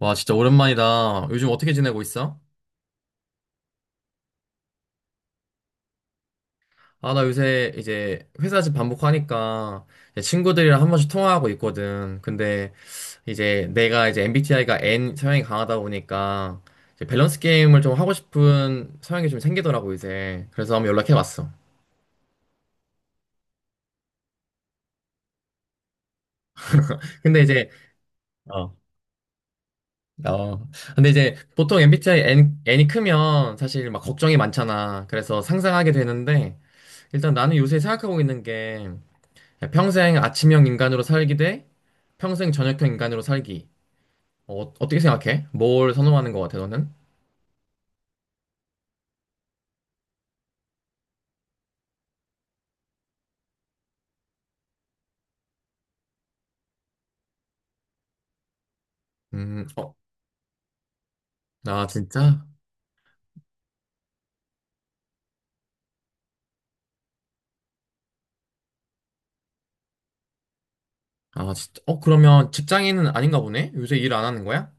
와, 진짜 오랜만이다. 요즘 어떻게 지내고 있어? 아, 나 요새 이제 회사집 반복하니까 이제 친구들이랑 한 번씩 통화하고 있거든. 근데 이제 내가 이제 MBTI가 N 성향이 강하다 보니까 이제 밸런스 게임을 좀 하고 싶은 성향이 좀 생기더라고, 이제. 그래서 한번 연락해 봤어. 근데 이제, 어, 어. 근데 이제 보통 MBTI N이 크면 사실 막 걱정이 많잖아. 그래서 상상하게 되는데 일단 나는 요새 생각하고 있는 게 평생 아침형 인간으로 살기 대 평생 저녁형 인간으로 살기. 떻게 생각해? 뭘 선호하는 것 같아, 너는? 음. 어. 아, 진짜? 아, 진짜? 그러면 직장인은 아닌가 보네? 요새 일 안 하는 거야?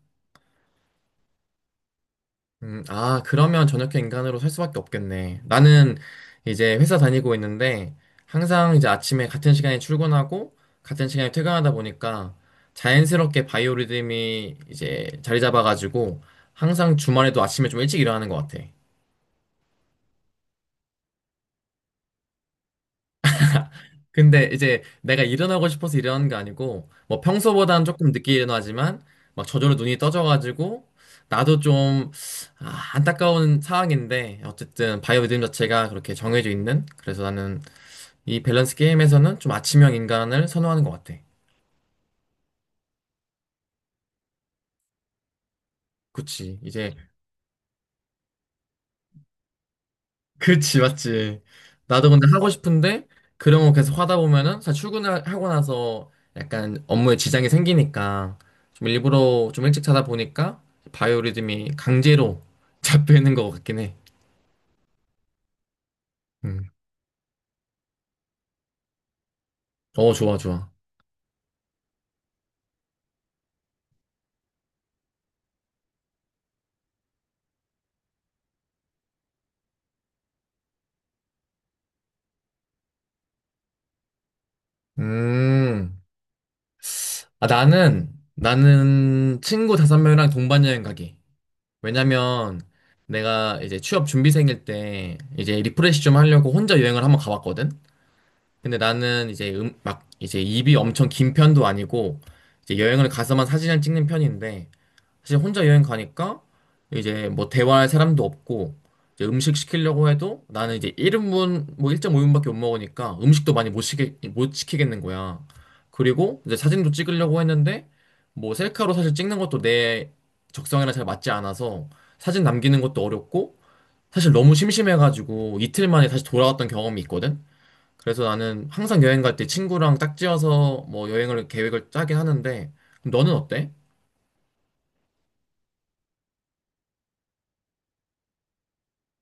아, 그러면 저녁형 인간으로 살 수밖에 없겠네. 나는 이제 회사 다니고 있는데 항상 이제 아침에 같은 시간에 출근하고 같은 시간에 퇴근하다 보니까 자연스럽게 바이오리듬이 이제 자리 잡아가지고 항상 주말에도 아침에 좀 일찍 일어나는 것 같아. 근데 이제 내가 일어나고 싶어서 일어나는 게 아니고 뭐 평소보다는 조금 늦게 일어나지만 막 저절로 눈이 떠져가지고 나도 좀 아, 안타까운 상황인데 어쨌든 바이오 리듬 자체가 그렇게 정해져 있는 그래서 나는 이 밸런스 게임에서는 좀 아침형 인간을 선호하는 것 같아. 그치. 이제 그렇지, 맞지. 나도 근데 하고 싶은데 그런 거 계속 하다 보면은 사실 출근을 하고 나서 약간 업무에 지장이 생기니까 좀 일부러 좀 일찍 자다 보니까 바이오리듬이 강제로 잡히는 것 같긴 해. 음. 어, 좋아, 좋아. 음. 아, 나는 친구 다섯 명이랑 동반 여행 가기. 왜냐면 내가 이제 취업 준비생일 때 이제 리프레시 좀 하려고 혼자 여행을 한번 가봤거든. 근데 나는 이제 막 이제 입이 엄청 긴 편도 아니고 이제 여행을 가서만 사진을 찍는 편인데 사실 혼자 여행 가니까 이제 뭐 대화할 사람도 없고 이제 음식 시키려고 해도 나는 이제 1인분 뭐 1.5인분밖에 못 먹으니까 음식도 많이 못 시키겠는 거야. 그리고 이제 사진도 찍으려고 했는데 뭐 셀카로 사실 찍는 것도 내 적성이랑 잘 맞지 않아서 사진 남기는 것도 어렵고 사실 너무 심심해가지고 이틀 만에 다시 돌아왔던 경험이 있거든. 그래서 나는 항상 여행 갈 때 친구랑 짝지어서 뭐 여행을 계획을 짜긴 하는데 그럼 너는 어때?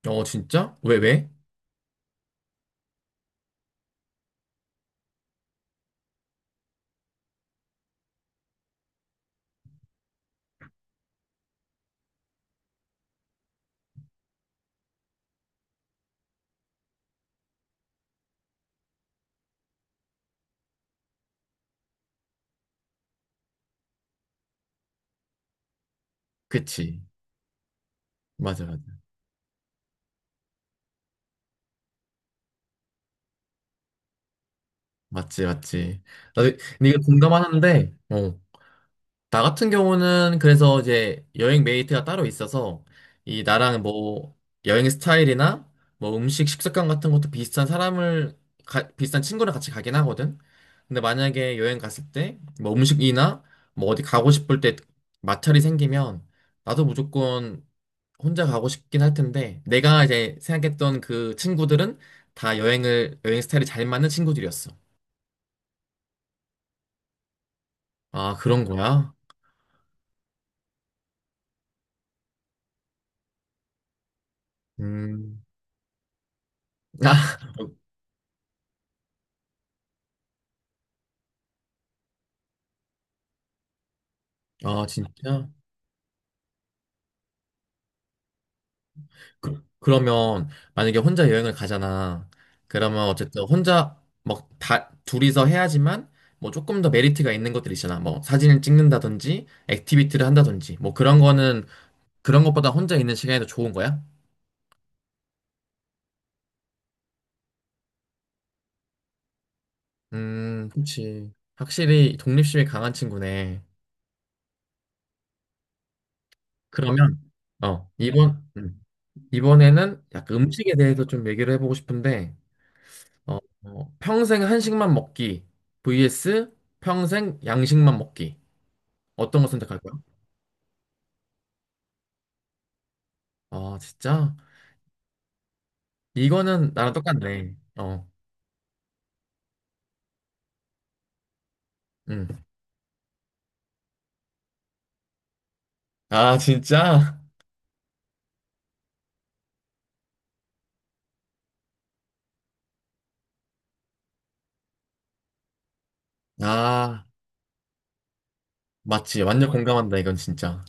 어 진짜? 왜? 그치 맞아 맞아 맞지 맞지 나도 근데 이거 공감하는데 어, 나 같은 경우는 그래서 이제 여행 메이트가 따로 있어서 이 나랑 뭐 여행 스타일이나 뭐 음식 식습관 같은 것도 비슷한 사람을 비슷한 친구랑 같이 가긴 하거든. 근데 만약에 여행 갔을 때 뭐 음식이나 뭐 어디 가고 싶을 때 마찰이 생기면 나도 무조건 혼자 가고 싶긴 할 텐데 내가 이제 생각했던 그 친구들은 다 여행 스타일이 잘 맞는 친구들이었어. 아, 그런 거야? 음. 아, 진짜? 그러면 만약에 혼자 여행을 가잖아. 그러면 어쨌든 혼자 막 다 둘이서 해야지만 뭐 조금 더 메리트가 있는 것들 있잖아. 뭐 사진을 찍는다든지 액티비티를 한다든지 뭐 그런 거는 그런 것보다 혼자 있는 시간이 더 좋은 거야? 그렇지. 확실히 독립심이 강한 친구네. 그러면 이번 이번에는 약간 음식에 대해서 좀 얘기를 해보고 싶은데 어, 어, 평생 한식만 먹기 vs 평생 양식만 먹기. 어떤 거 선택할까요? 아, 진짜? 이거는 나랑 똑같네. 어, 음. 아, 진짜? 아, 맞지. 완전 공감한다, 이건 진짜.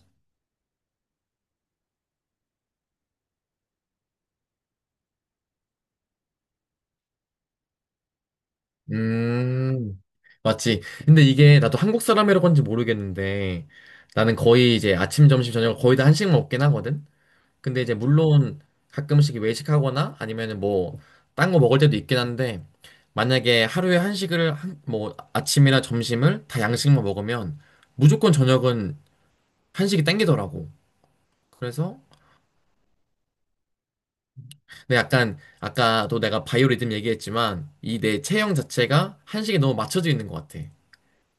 음, 맞지. 근데 이게 나도 한국 사람이라고 하는지 모르겠는데 나는 거의 이제 아침, 점심, 저녁 거의 다 한식 먹긴 하거든? 근데 이제 물론 가끔씩 외식하거나 아니면은 뭐, 딴 거 먹을 때도 있긴 한데 만약에 하루에 한식을 뭐 아침이나 점심을 다 양식만 먹으면 무조건 저녁은 한식이 땡기더라고. 그래서 근데 약간 아까도 내가 바이오리듬 얘기했지만 이 내 체형 자체가 한식에 너무 맞춰져 있는 것 같아.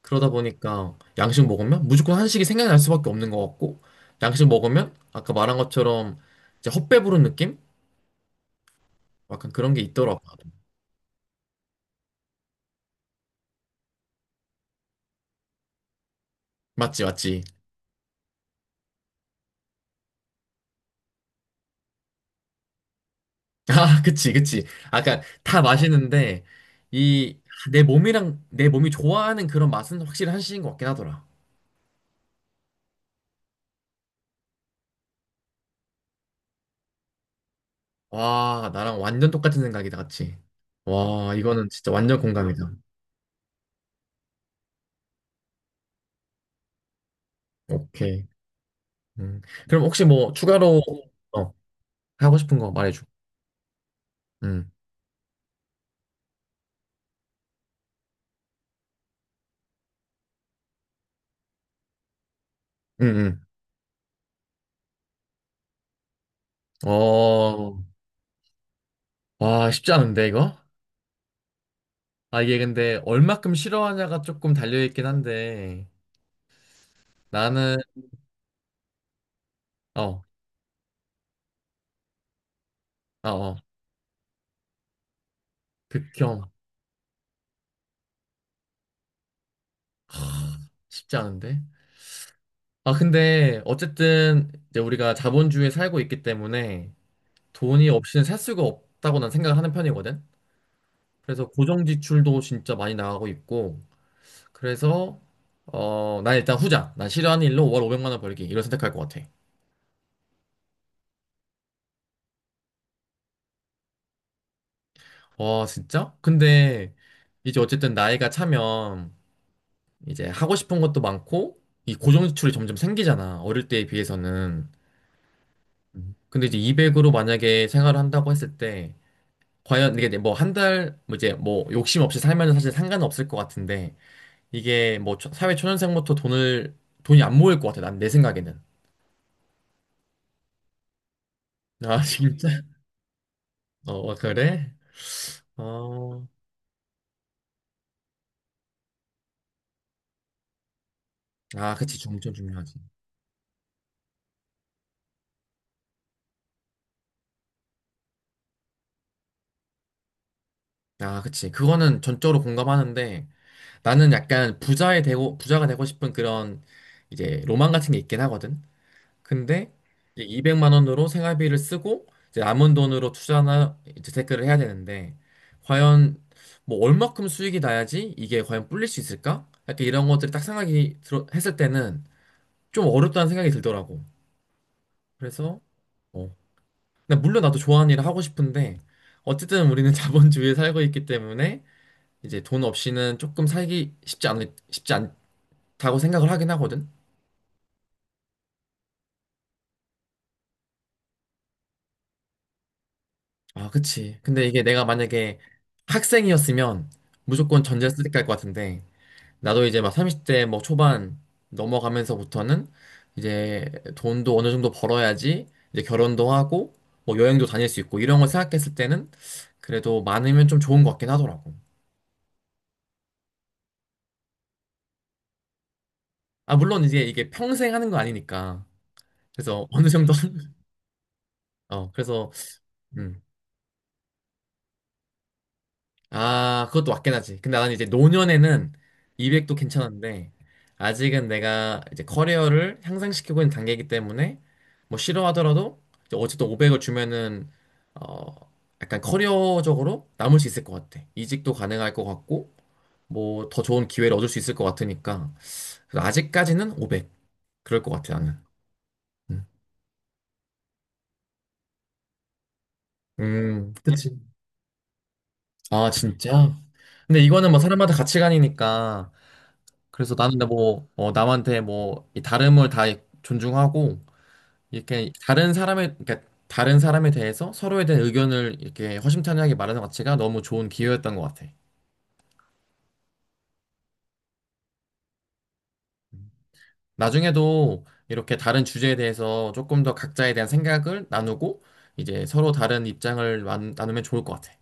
그러다 보니까 양식 먹으면 무조건 한식이 생각날 수밖에 없는 것 같고 양식 먹으면 아까 말한 것처럼 이제 헛배부른 느낌? 약간 그런 게 있더라고. 맞지, 맞지. 아, 그치, 그치. 아까 다 맛있는데 이 내 몸이 좋아하는 그런 맛은 확실히 한식인 것 같긴 하더라. 와, 나랑 완전 똑같은 생각이다, 같이. 와, 이거는 진짜 완전 공감이다. 오케이. 음. 그럼 혹시 뭐 추가로 어, 하고 싶은 거 말해줘. 음, 응 응 어, 와, 쉽지 않은데 이거? 아, 이게 근데 얼마큼 싫어하냐가 조금 달려있긴 한데 나는 어, 아, 어, 극혐. 쉽지 않은데? 아, 근데 어쨌든 이제 우리가 자본주의에 살고 있기 때문에 돈이 없이는 살 수가 없다고 난 생각하는 편이거든. 그래서 고정 지출도 진짜 많이 나가고 있고, 그래서, 난 일단 후자. 난 싫어하는 일로 월 500만 원 벌기. 이걸 선택할 것 같아. 와, 진짜? 근데, 이제 어쨌든 나이가 차면, 이제 하고 싶은 것도 많고, 이 고정 지출이 점점 생기잖아. 어릴 때에 비해서는. 음. 근데 이제 200으로 만약에 생활을 한다고 했을 때, 과연 이게 뭐 한 달, 뭐 이제 뭐 욕심 없이 살면은 사실 상관은 없을 것 같은데, 이게 뭐 사회 초년생부터 돈이 안 모일 것 같아. 난 내 생각에는. 아, 진짜 어, 어, 그래? 어, 아, 그치. 엄청 중요하지. 아, 그치. 그거는 전적으로 공감하는데 나는 약간 부자가 되고 싶은 그런 이제 로망 같은 게 있긴 하거든. 근데 이제 200만 원으로 생활비를 쓰고 이제 남은 돈으로 투자나 이제 재테크를 해야 되는데 과연 뭐 얼마큼 수익이 나야지 이게 과연 불릴 수 있을까? 약간 이런 것들이 딱 생각이 들어, 했을 때는 좀 어렵다는 생각이 들더라고. 그래서 어, 근데 물론 나도 좋아하는 일을 하고 싶은데 어쨌든 우리는 자본주의에 살고 있기 때문에 이제 돈 없이는 조금 살기 쉽지 않다고 생각을 하긴 하거든. 아, 그치. 근데 이게 내가 만약에 학생이었으면 무조건 전제 쓰레기 할것 같은데 나도 이제 막 30대 뭐 초반 넘어가면서부터는 이제 돈도 어느 정도 벌어야지 이제 결혼도 하고 뭐 여행도 다닐 수 있고 이런 걸 생각했을 때는 그래도 많으면 좀 좋은 것 같긴 하더라고. 아, 물론 이제 이게 평생 하는 거 아니니까. 그래서 어느 정도 어 그래서 음. 아 그것도 맞긴 하지 근데 나는 이제 노년에는 200도 괜찮은데 아직은 내가 이제 커리어를 향상시키고 있는 단계이기 때문에 뭐 싫어하더라도 이제 어쨌든 500을 주면은 어 약간 커리어적으로 남을 수 있을 것 같아 이직도 가능할 것 같고 뭐 더 좋은 기회를 얻을 수 있을 것 같으니까 그래서 아직까지는 500 그럴 것 같아 나는 음, 그치. 아, 진짜? 근데 이거는 뭐 사람마다 가치관이니까 그래서 나는 뭐 남한테 뭐이 다름을 다 존중하고 이렇게 다른 사람의 그러니까 다른 사람에 대해서 서로에 대한 의견을 이렇게 허심탄회하게 말하는 가치가 너무 좋은 기회였던 것 같아. 나중에도 이렇게 다른 주제에 대해서 조금 더 각자에 대한 생각을 나누고 이제 서로 다른 입장을 나누면 좋을 것 같아.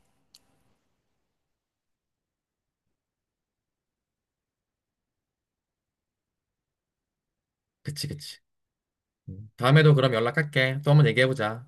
그치, 그치. 음. 다음에도 그럼 연락할게. 또 한번 얘기해보자.